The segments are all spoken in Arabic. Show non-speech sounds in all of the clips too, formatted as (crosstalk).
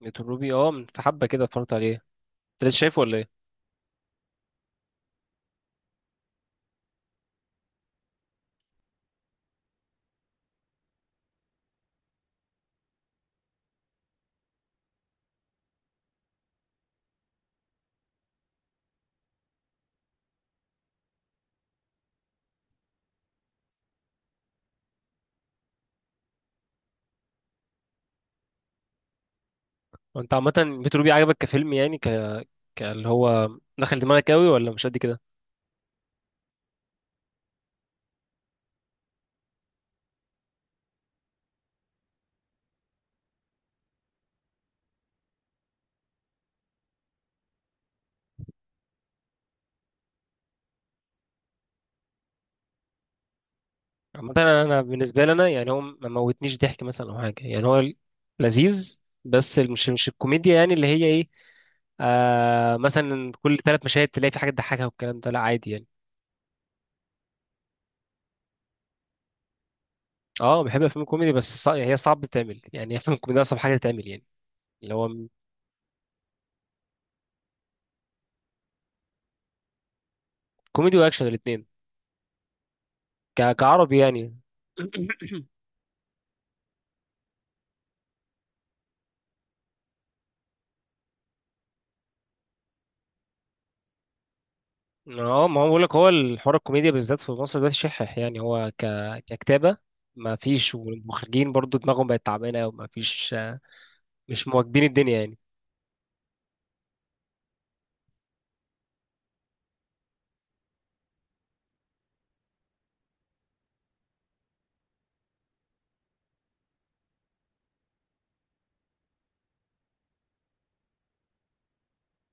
بيت الروبي من في حبة كده اتفرجت عليه. انت لسه شايفه ولا ايه؟ هو انت عامة بيت الروبي عجبك كفيلم اللي هو دخل دماغك قوي ولا مش قد كده؟ عامة أنا بالنسبة لي انا يعني هو ما موتنيش ضحك مثلا او حاجة يعني هو لذيذ بس مش الكوميديا يعني اللي هي ايه. آه، مثلا كل ثلاث مشاهد تلاقي في حاجة تضحكها والكلام ده لا عادي يعني. اه بحب افلام الكوميدي يعني هي صعب تتعمل، يعني افلام الكوميدي اصعب حاجة تتعمل يعني. اللي هو كوميدي واكشن الاتنين، كعربي يعني. (clears throat) (coughs) اه، ما هو بقول لك هو الحوار الكوميديا بالذات في مصر دلوقتي شحح، ككتابة ما فيش، والمخرجين برضو دماغهم بقت تعبانة وما فيش، مش مواكبين الدنيا يعني.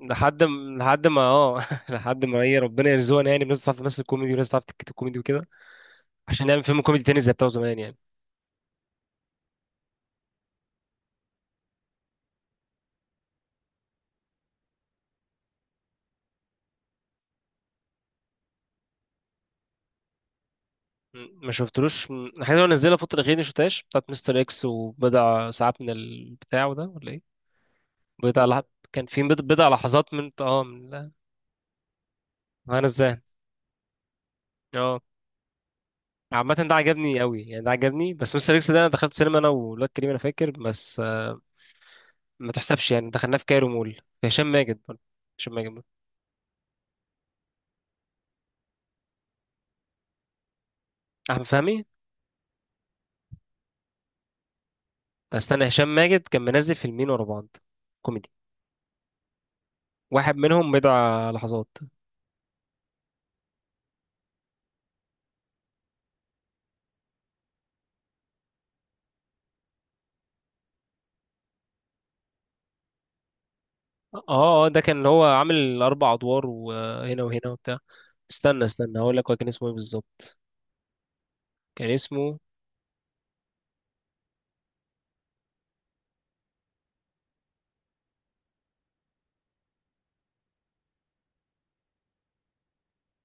لحد ما اه (laughs) لحد ما ايه، ربنا يرزقنا يعني بناس تعرف تمثل كوميدي وناس تعرف تكتب كوميدي وكده، عشان نعمل فيلم كوميدي تاني زي بتاع زمان يعني. م- ما شفتلوش م- الحاجات اللي هو نزلها الفترة الأخيرة دي ما شفتهاش، بتاعت مستر اكس وبضع ساعات من البتاع ده ولا ايه؟ بضع لح... كان في بضع لحظات من هنا ازاي. عامة ده عجبني قوي يعني، ده عجبني. بس مستر اكس ده انا دخلت سينما انا والواد كريم، انا فاكر بس آه، ما تحسبش يعني، دخلناه في كايرو مول، في هشام ماجد برضه. هشام ماجد برضه. احمد فهمي. استنى، هشام ماجد كان منزل فيلمين ورا بعض كوميدي. واحد منهم بضع لحظات. اه اه، ده كان اللي هو عامل اربع ادوار وهنا وهنا وبتاع. استنى هقول لك هو كان اسمه ايه بالظبط. كان اسمه.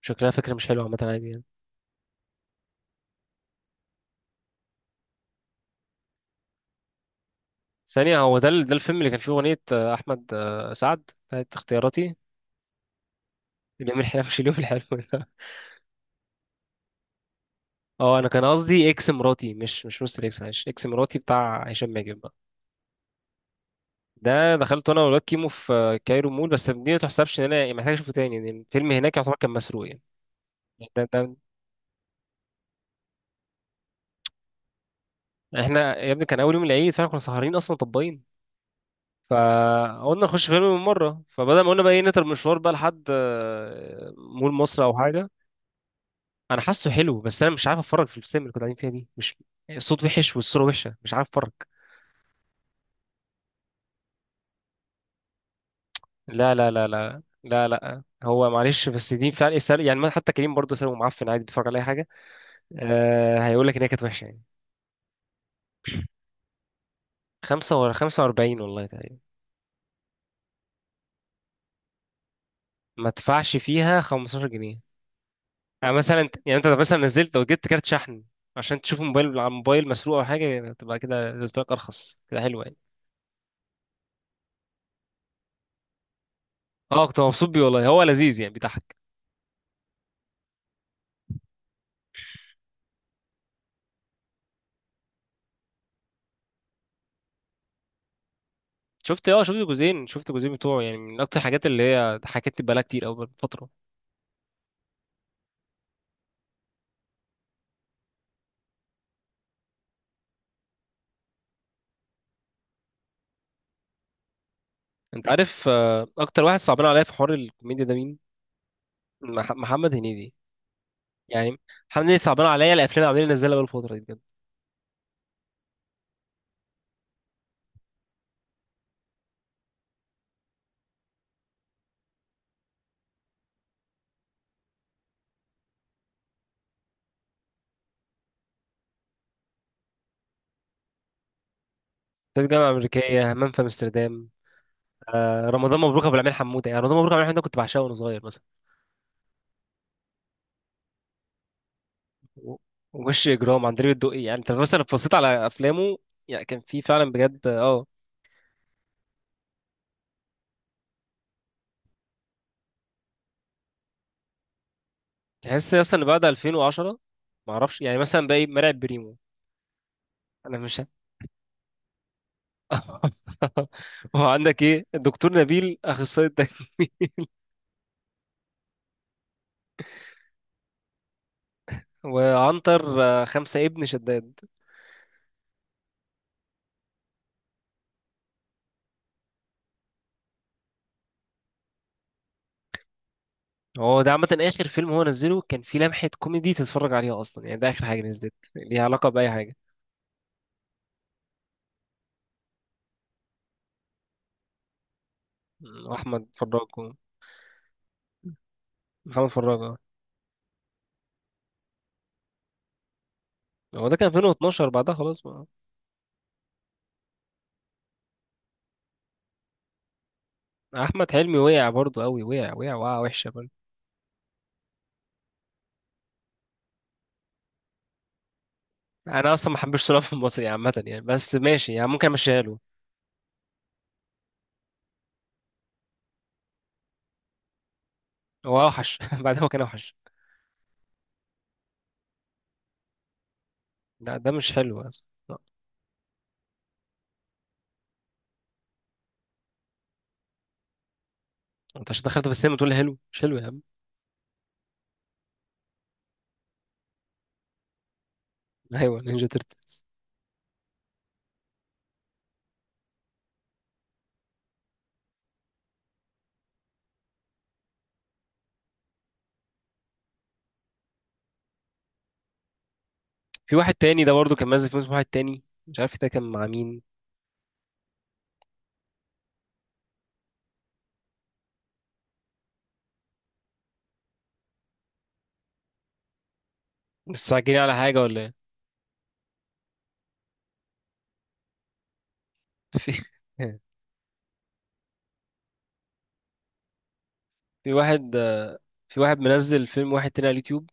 شكلها فكرة مش حلوة، عامة عادي يعني. ثانية، هو ده ده الفيلم اللي كان فيه أغنية آه، أحمد آه، سعد بتاعت اختياراتي. اليوم الحلو، مش اليوم الحلو. اه انا كان قصدي اكس مراتي، مش مستر اكس، معلش، اكس مراتي بتاع هشام ماجد بقى. ده دخلته انا والواد كيمو في كايرو مول، بس دي ما تحسبش ان انا يعني محتاج اشوفه تاني، لان الفيلم هناك يعتبر كان مسروق يعني. ده احنا يا ابني كان اول يوم العيد، فاحنا كنا سهرانين اصلا طباين، فقلنا نخش فيلم من مره، فبدل ما قلنا بقى ايه نتر مشوار بقى لحد آه، مول مصر او حاجه. انا حاسه حلو، بس انا مش عارف اتفرج في السينما اللي كنا قاعدين فيها دي، مش الصوت وحش والصوره وحشه، مش عارف اتفرج. لا، هو معلش بس دي فعلا يسأل يعني، حتى كريم برضه سأله، معفن عادي بيتفرج على أي حاجة. أه هيقول لك إن هي كانت وحشة يعني. خمسة ولا خمسة وأربعين، والله تقريبا. ما تدفعش فيها خمستاشر جنيه يعني، يعني أنت لو مثلا نزلت وجبت كارت شحن عشان تشوف موبايل على الموبايل مسروق أو حاجة، تبقى كده بالنسبة لك أرخص، كده حلوة يعني. أه كنت مبسوط بيه والله، هو لذيذ يعني بيضحك. شفت أه شفت جزئين، شفت جزئين بتوعه يعني، من أكتر الحاجات اللي هي حكيت بقالها كتير أوي فترة. أنت عارف آه، أكتر واحد صعبان عليا في حوار الكوميديا ده مين؟ محمد هنيدي. يعني محمد هنيدي صعبان عليا الافلام اللي عمالين ينزلها بقى الفتره دي بجد. طب الجامعه الامريكيه، همام في امستردام، آه رمضان مبروك ابو العميل حموده، يعني رمضان مبروك ابو العميل حموده كنت بعشقه وانا صغير مثلا. و- ووش اجرام عندليب الدقي، يعني انت مثلا لو بصيت على افلامه، يعني كان في فعلا بجد اه. تحس اصلا ان بعد 2010، ما اعرفش يعني، مثلا بقى ايه مرعب بريمو. انا مش ه- (laughs) وعندك ايه الدكتور نبيل اخصائي الدكتور. وعنتر آه، خمسة ابن شداد. هو ده عامة آخر فيلم هو نزله كان فيه لمحة كوميدي تتفرج عليها أصلا يعني، ده آخر حاجة نزلت ليها علاقة بأي حاجة. م، أحمد فراج محمد فراج اه. هو ده كان 2012، بعدها خلاص بقى. أحمد حلمي وقع برضه أوي، وقع وحشة برضه. أنا أصلا ما حبيتش صراحة في المصري عامة يعني، بس ماشي يعني ممكن أمشيها له. هو أوحش (laughs) بعدها، هو كان أوحش. لا ده مش حلو أصلا، لا. أنت عشان دخلته في السينما تقول لي حلو مش حلو يا عم. أيوه نينجا تيرتلز. في واحد تاني، ده برضه كان نازل فيلم اسمه واحد تاني، مش عارف ده كان مع مين. مستعجلين على حاجة ولا. في (laughs) في واحد آه، في واحد منزل فيلم واحد تاني على اليوتيوب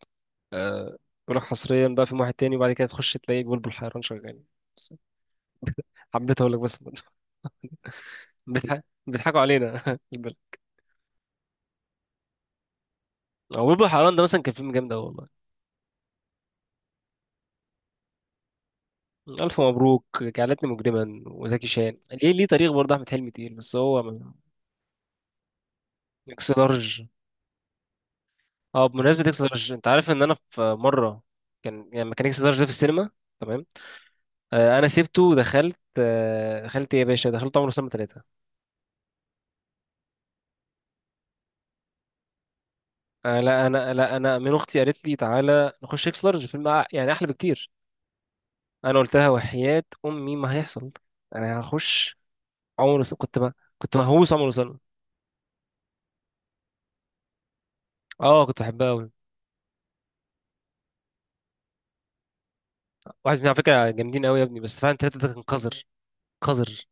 آه، بيقول لك حصريا بقى فيلم واحد تاني، وبعد كده تخش تلاقي بلبل حيران شغال. حبيت اقول لك بس (laughs) بيضحكوا علينا (laughs) البلد. هو بلبل حيران ده مثلا كان فيلم جامد قوي والله. ألف مبروك، جعلتني مجرما، وزكي شان، ليه تاريخ برضه، أحمد حلمي تقيل بس هو ما. إكس لارج. اه بمناسبة إكس لارج، أنت عارف إن أنا في مرة كان يعني لما كان إكس لارج ده في السينما، تمام، آه، أنا سبته ودخلت آه، دخلت إيه يا باشا، دخلت عمر وسلمى ثلاثة. آه، لا انا من اختي، قالت لي تعالى نخش اكس لارج فيلم يعني احلى بكتير. انا قلت لها وحياة امي ما هيحصل، انا هخش عمر وسلمى، كنت ما كنت مهووس عمر وسلمى. اه كنت بحبها قوي. واحد منهم على فكره جامدين قوي يا ابني، بس فعلا ثلاثه ده كان قذر. قذر.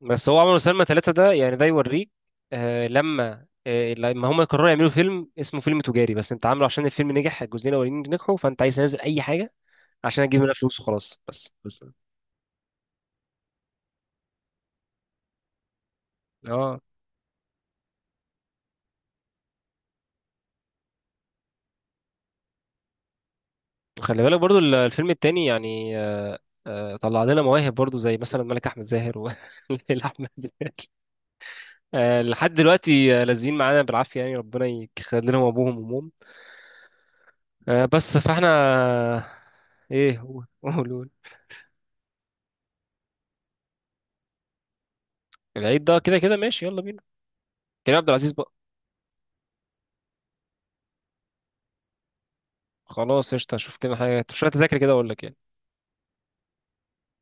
بس هو عمر وسلمى ثلاثه ده يعني ده يوريك آه لما هم قرروا يعملوا فيلم اسمه فيلم تجاري، بس انت عامله عشان الفيلم نجح، الجزئين الاولانيين نجحوا، فانت عايز تنزل اي حاجه عشان اجيب منها فلوس وخلاص، بس. اه خلي بالك برضو الفيلم التاني يعني آه، آه، طلع لنا مواهب برضو زي مثلا ملك احمد زاهر وليلى (laughs) احمد زاهر. آه، لحد دلوقتي آه، لازقين معانا بالعافيه يعني، ربنا يخلي لهم ابوهم وامهم. آه، بس فاحنا. ايه هو، قول قول. العيد ده كده كده ماشي، يلا بينا. كريم عبد العزيز بقى. خلاص قشطه، اشوف كده حاجه، شويه تذاكر كده اقول لك يعني.